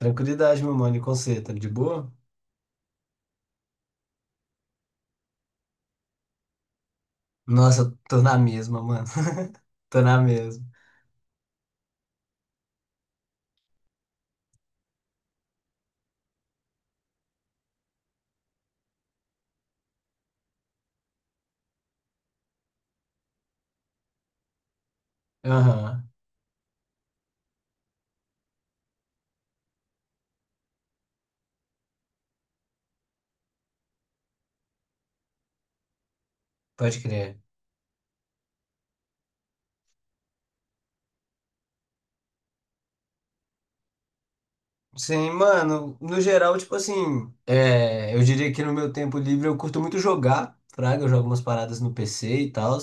Tranquilidade, meu mano. E com você, tá de boa? Nossa, tô na mesma, mano. Tô na mesma. Aham, pode crer. Sim, mano, no geral, tipo assim, é, eu diria que no meu tempo livre eu curto muito jogar, fraga, eu jogo umas paradas no PC e tal.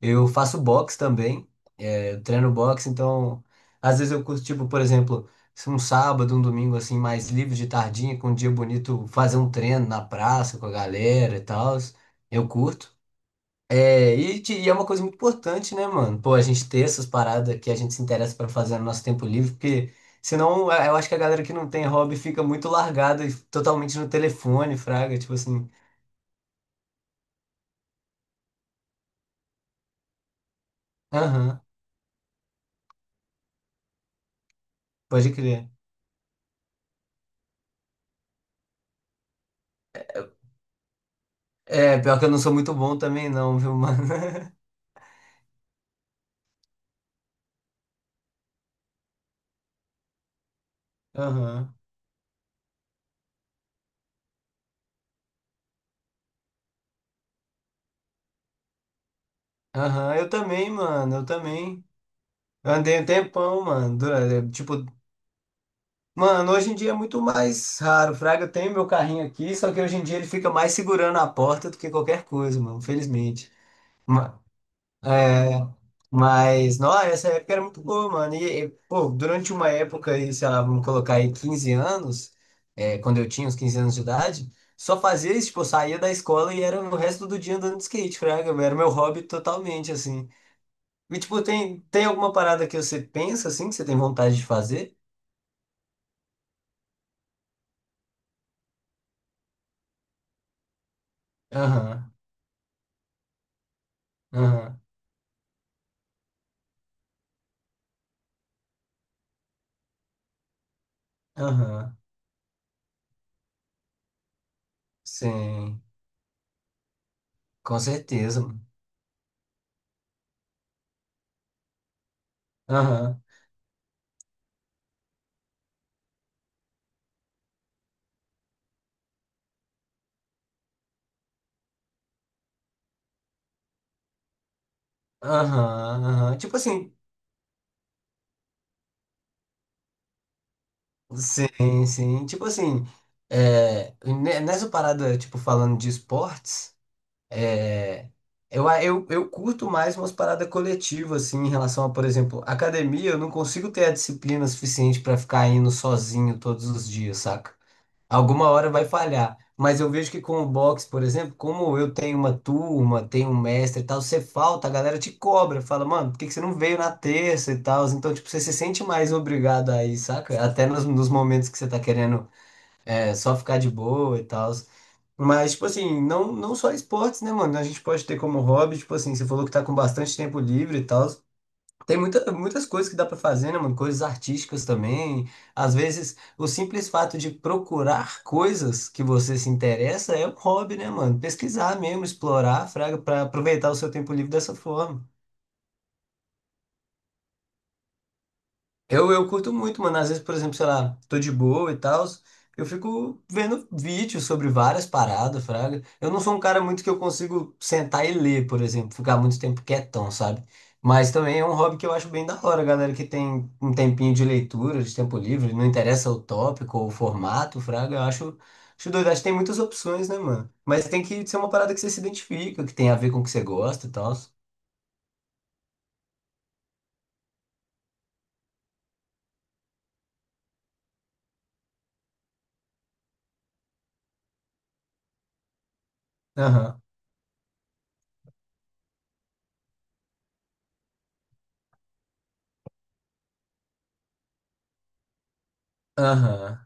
Eu faço boxe também, é, eu treino boxe, então às vezes eu curto, tipo, por exemplo, se um sábado, um domingo assim, mais livre de tardinha, com um dia bonito, fazer um treino na praça com a galera e tal. Eu curto. É, e é uma coisa muito importante, né, mano? Pô, a gente ter essas paradas que a gente se interessa pra fazer no nosso tempo livre, porque senão eu acho que a galera que não tem hobby fica muito largada e totalmente no telefone, fraga, tipo assim. Aham, pode crer. É, pior que eu não sou muito bom também não, viu, mano? Aham, aham, eu também, mano, eu também. Eu andei um tempão, mano, tipo. Mano, hoje em dia é muito mais raro, fraga. Eu tenho meu carrinho aqui, só que hoje em dia ele fica mais segurando a porta do que qualquer coisa, mano, felizmente. Ma- É, mas, nossa, essa época era muito boa, mano. Pô, durante uma época aí, sei lá, vamos colocar aí 15 anos, quando eu tinha uns 15 anos de idade, só fazia isso, tipo, eu saía da escola e era o resto do dia andando de skate, fraga, era meu hobby totalmente, assim. E, tipo, tem alguma parada que você pensa, assim, que você tem vontade de fazer? Aham, aham, aham, sim, com certeza, mano. Aham, aham, aham. Tipo assim, sim, sim. Tipo assim, nessa parada, tipo, falando de esportes, é, eu curto mais umas paradas coletivas, assim, em relação a, por exemplo, academia, eu não consigo ter a disciplina suficiente pra ficar indo sozinho todos os dias, saca? Alguma hora vai falhar. Mas eu vejo que com o boxe, por exemplo, como eu tenho uma turma, tenho um mestre e tal, você falta, a galera te cobra, fala, mano, por que que você não veio na terça e tal? Então, tipo, você se sente mais obrigado aí, saca? Até nos momentos que você tá querendo é, só ficar de boa e tal. Mas, tipo assim, não, não só esportes, né, mano? A gente pode ter como hobby, tipo assim, você falou que tá com bastante tempo livre e tal. Tem muita, muitas coisas que dá pra fazer, né, mano? Coisas artísticas também. Às vezes, o simples fato de procurar coisas que você se interessa é um hobby, né, mano? Pesquisar mesmo, explorar, fraga, pra aproveitar o seu tempo livre dessa forma. Eu curto muito, mano. Às vezes, por exemplo, sei lá, tô de boa e tal, eu fico vendo vídeos sobre várias paradas, fraga. Eu não sou um cara muito que eu consigo sentar e ler, por exemplo, ficar muito tempo quietão, sabe? Mas também é um hobby que eu acho bem da hora, galera que tem um tempinho de leitura, de tempo livre, não interessa o tópico ou o formato, fraga, eu acho doido. Acho que tem muitas opções, né, mano? Mas tem que ser uma parada que você se identifica, que tem a ver com o que você gosta e tal. Aham, aham,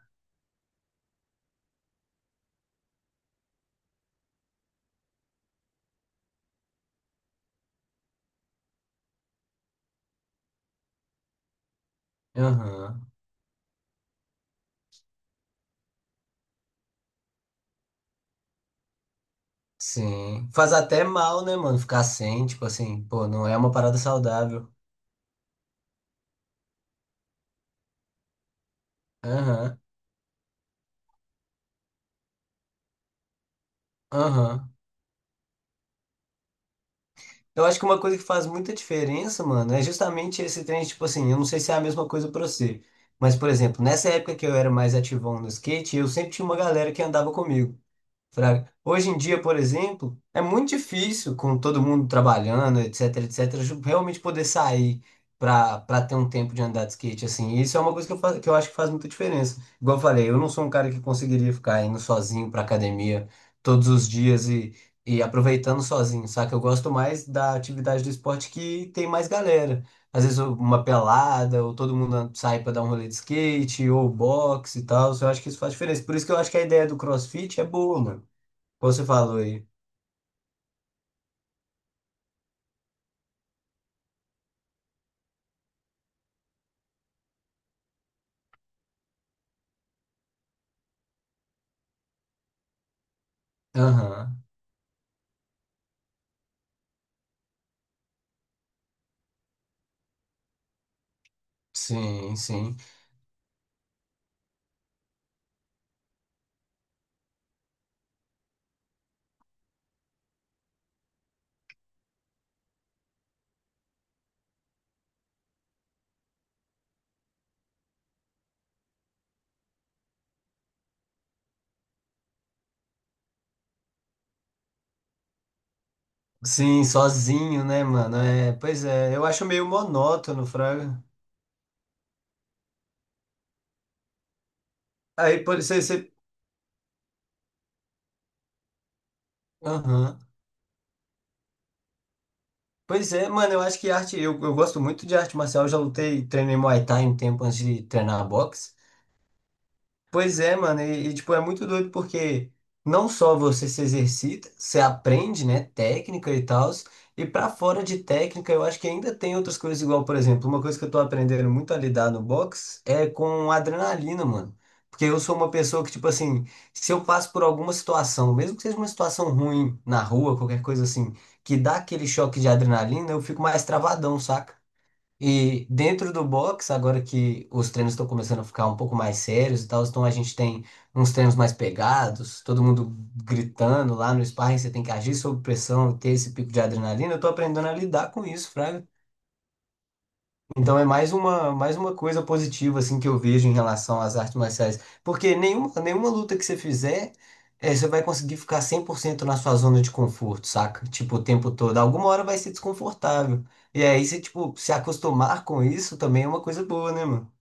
aham. Sim. Faz até mal, né, mano? Ficar sem, tipo assim, pô, não é uma parada saudável. Aham, aham. Eu acho que uma coisa que faz muita diferença, mano, é justamente esse trem, tipo assim, eu não sei se é a mesma coisa pra você. Mas, por exemplo, nessa época que eu era mais ativão no skate, eu sempre tinha uma galera que andava comigo. Fraga. Hoje em dia, por exemplo, é muito difícil, com todo mundo trabalhando, etc, etc, realmente poder sair pra ter um tempo de andar de skate, assim. E isso é uma coisa que eu acho que faz muita diferença. Igual eu falei, eu não sou um cara que conseguiria ficar indo sozinho pra academia todos os dias e aproveitando sozinho, saca? Eu gosto mais da atividade do esporte que tem mais galera. Às vezes uma pelada, ou todo mundo sai pra dar um rolê de skate, ou boxe e tal. Eu acho que isso faz diferença. Por isso que eu acho que a ideia do CrossFit é boa, mano. Você falou aí. Aham. Sim, sim. Sim, sozinho, né, mano? É, pois é, eu acho meio monótono, Fraga. Aí, por isso aí você. Aham. Pois é, mano, eu acho que arte. Eu gosto muito de arte marcial. Eu já lutei, treinei Muay Thai um tempo antes de treinar boxe. Pois é, mano, tipo, é muito doido porque não só você se exercita, você aprende, né, técnica e tal, e pra fora de técnica eu acho que ainda tem outras coisas igual, por exemplo, uma coisa que eu tô aprendendo muito a lidar no box é com adrenalina, mano. Porque eu sou uma pessoa que, tipo assim, se eu passo por alguma situação, mesmo que seja uma situação ruim na rua, qualquer coisa assim, que dá aquele choque de adrenalina, eu fico mais travadão, saca? E dentro do box, agora que os treinos estão começando a ficar um pouco mais sérios e tal, então a gente tem uns treinos mais pegados, todo mundo gritando lá no sparring, você tem que agir sob pressão, ter esse pico de adrenalina. Eu tô aprendendo a lidar com isso, Fraga. Então é mais uma coisa positiva assim que eu vejo em relação às artes marciais, porque nenhuma, nenhuma luta que você fizer, você vai conseguir ficar 100% na sua zona de conforto, saca? Tipo, o tempo todo. Alguma hora vai ser desconfortável. E aí você, tipo, se acostumar com isso também é uma coisa boa, né, mano?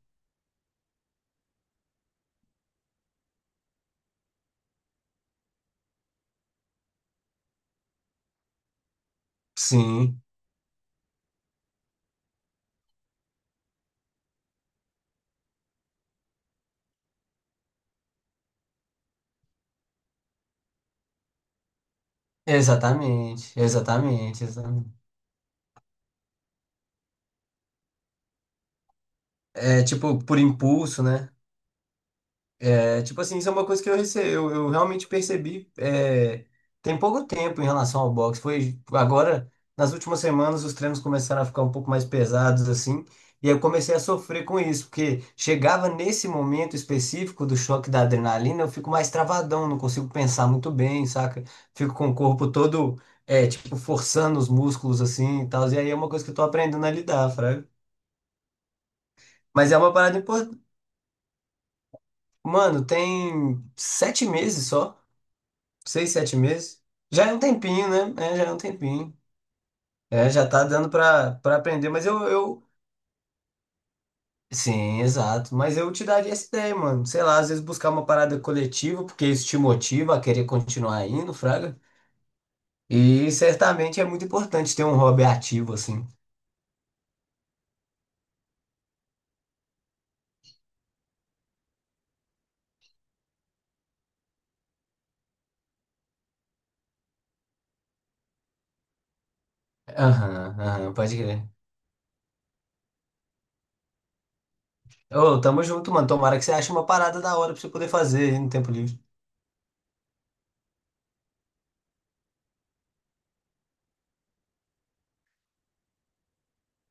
Sim, exatamente, exatamente, exatamente. É tipo por impulso, né? É, tipo assim, isso é uma coisa que eu realmente percebi é, tem pouco tempo em relação ao boxe. Foi agora, nas últimas semanas, os treinos começaram a ficar um pouco mais pesados, assim, e eu comecei a sofrer com isso, porque chegava nesse momento específico do choque da adrenalina, eu fico mais travadão, não consigo pensar muito bem, saca? Fico com o corpo todo, tipo, forçando os músculos, assim, e tal, e aí é uma coisa que eu tô aprendendo a lidar, fraga. Mas é uma parada importante. Mano, tem 7 meses só. Seis, 7 meses? Já é um tempinho, né? É, já é um tempinho. É, já tá dando pra aprender, mas eu. Sim, exato. Mas eu te daria essa ideia, mano. Sei lá, às vezes buscar uma parada coletiva, porque isso te motiva a querer continuar indo, fraga. E certamente é muito importante ter um hobby ativo, assim. Aham, aham, pode crer. Ô, tamo junto, mano. Tomara que você ache uma parada da hora pra você poder fazer aí no tempo livre.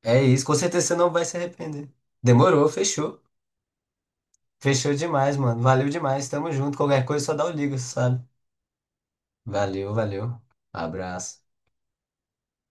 É isso, com certeza você não vai se arrepender. Demorou, fechou. Fechou demais, mano. Valeu demais. Tamo junto. Qualquer coisa, só dá o liga, sabe? Valeu, valeu. Abraço.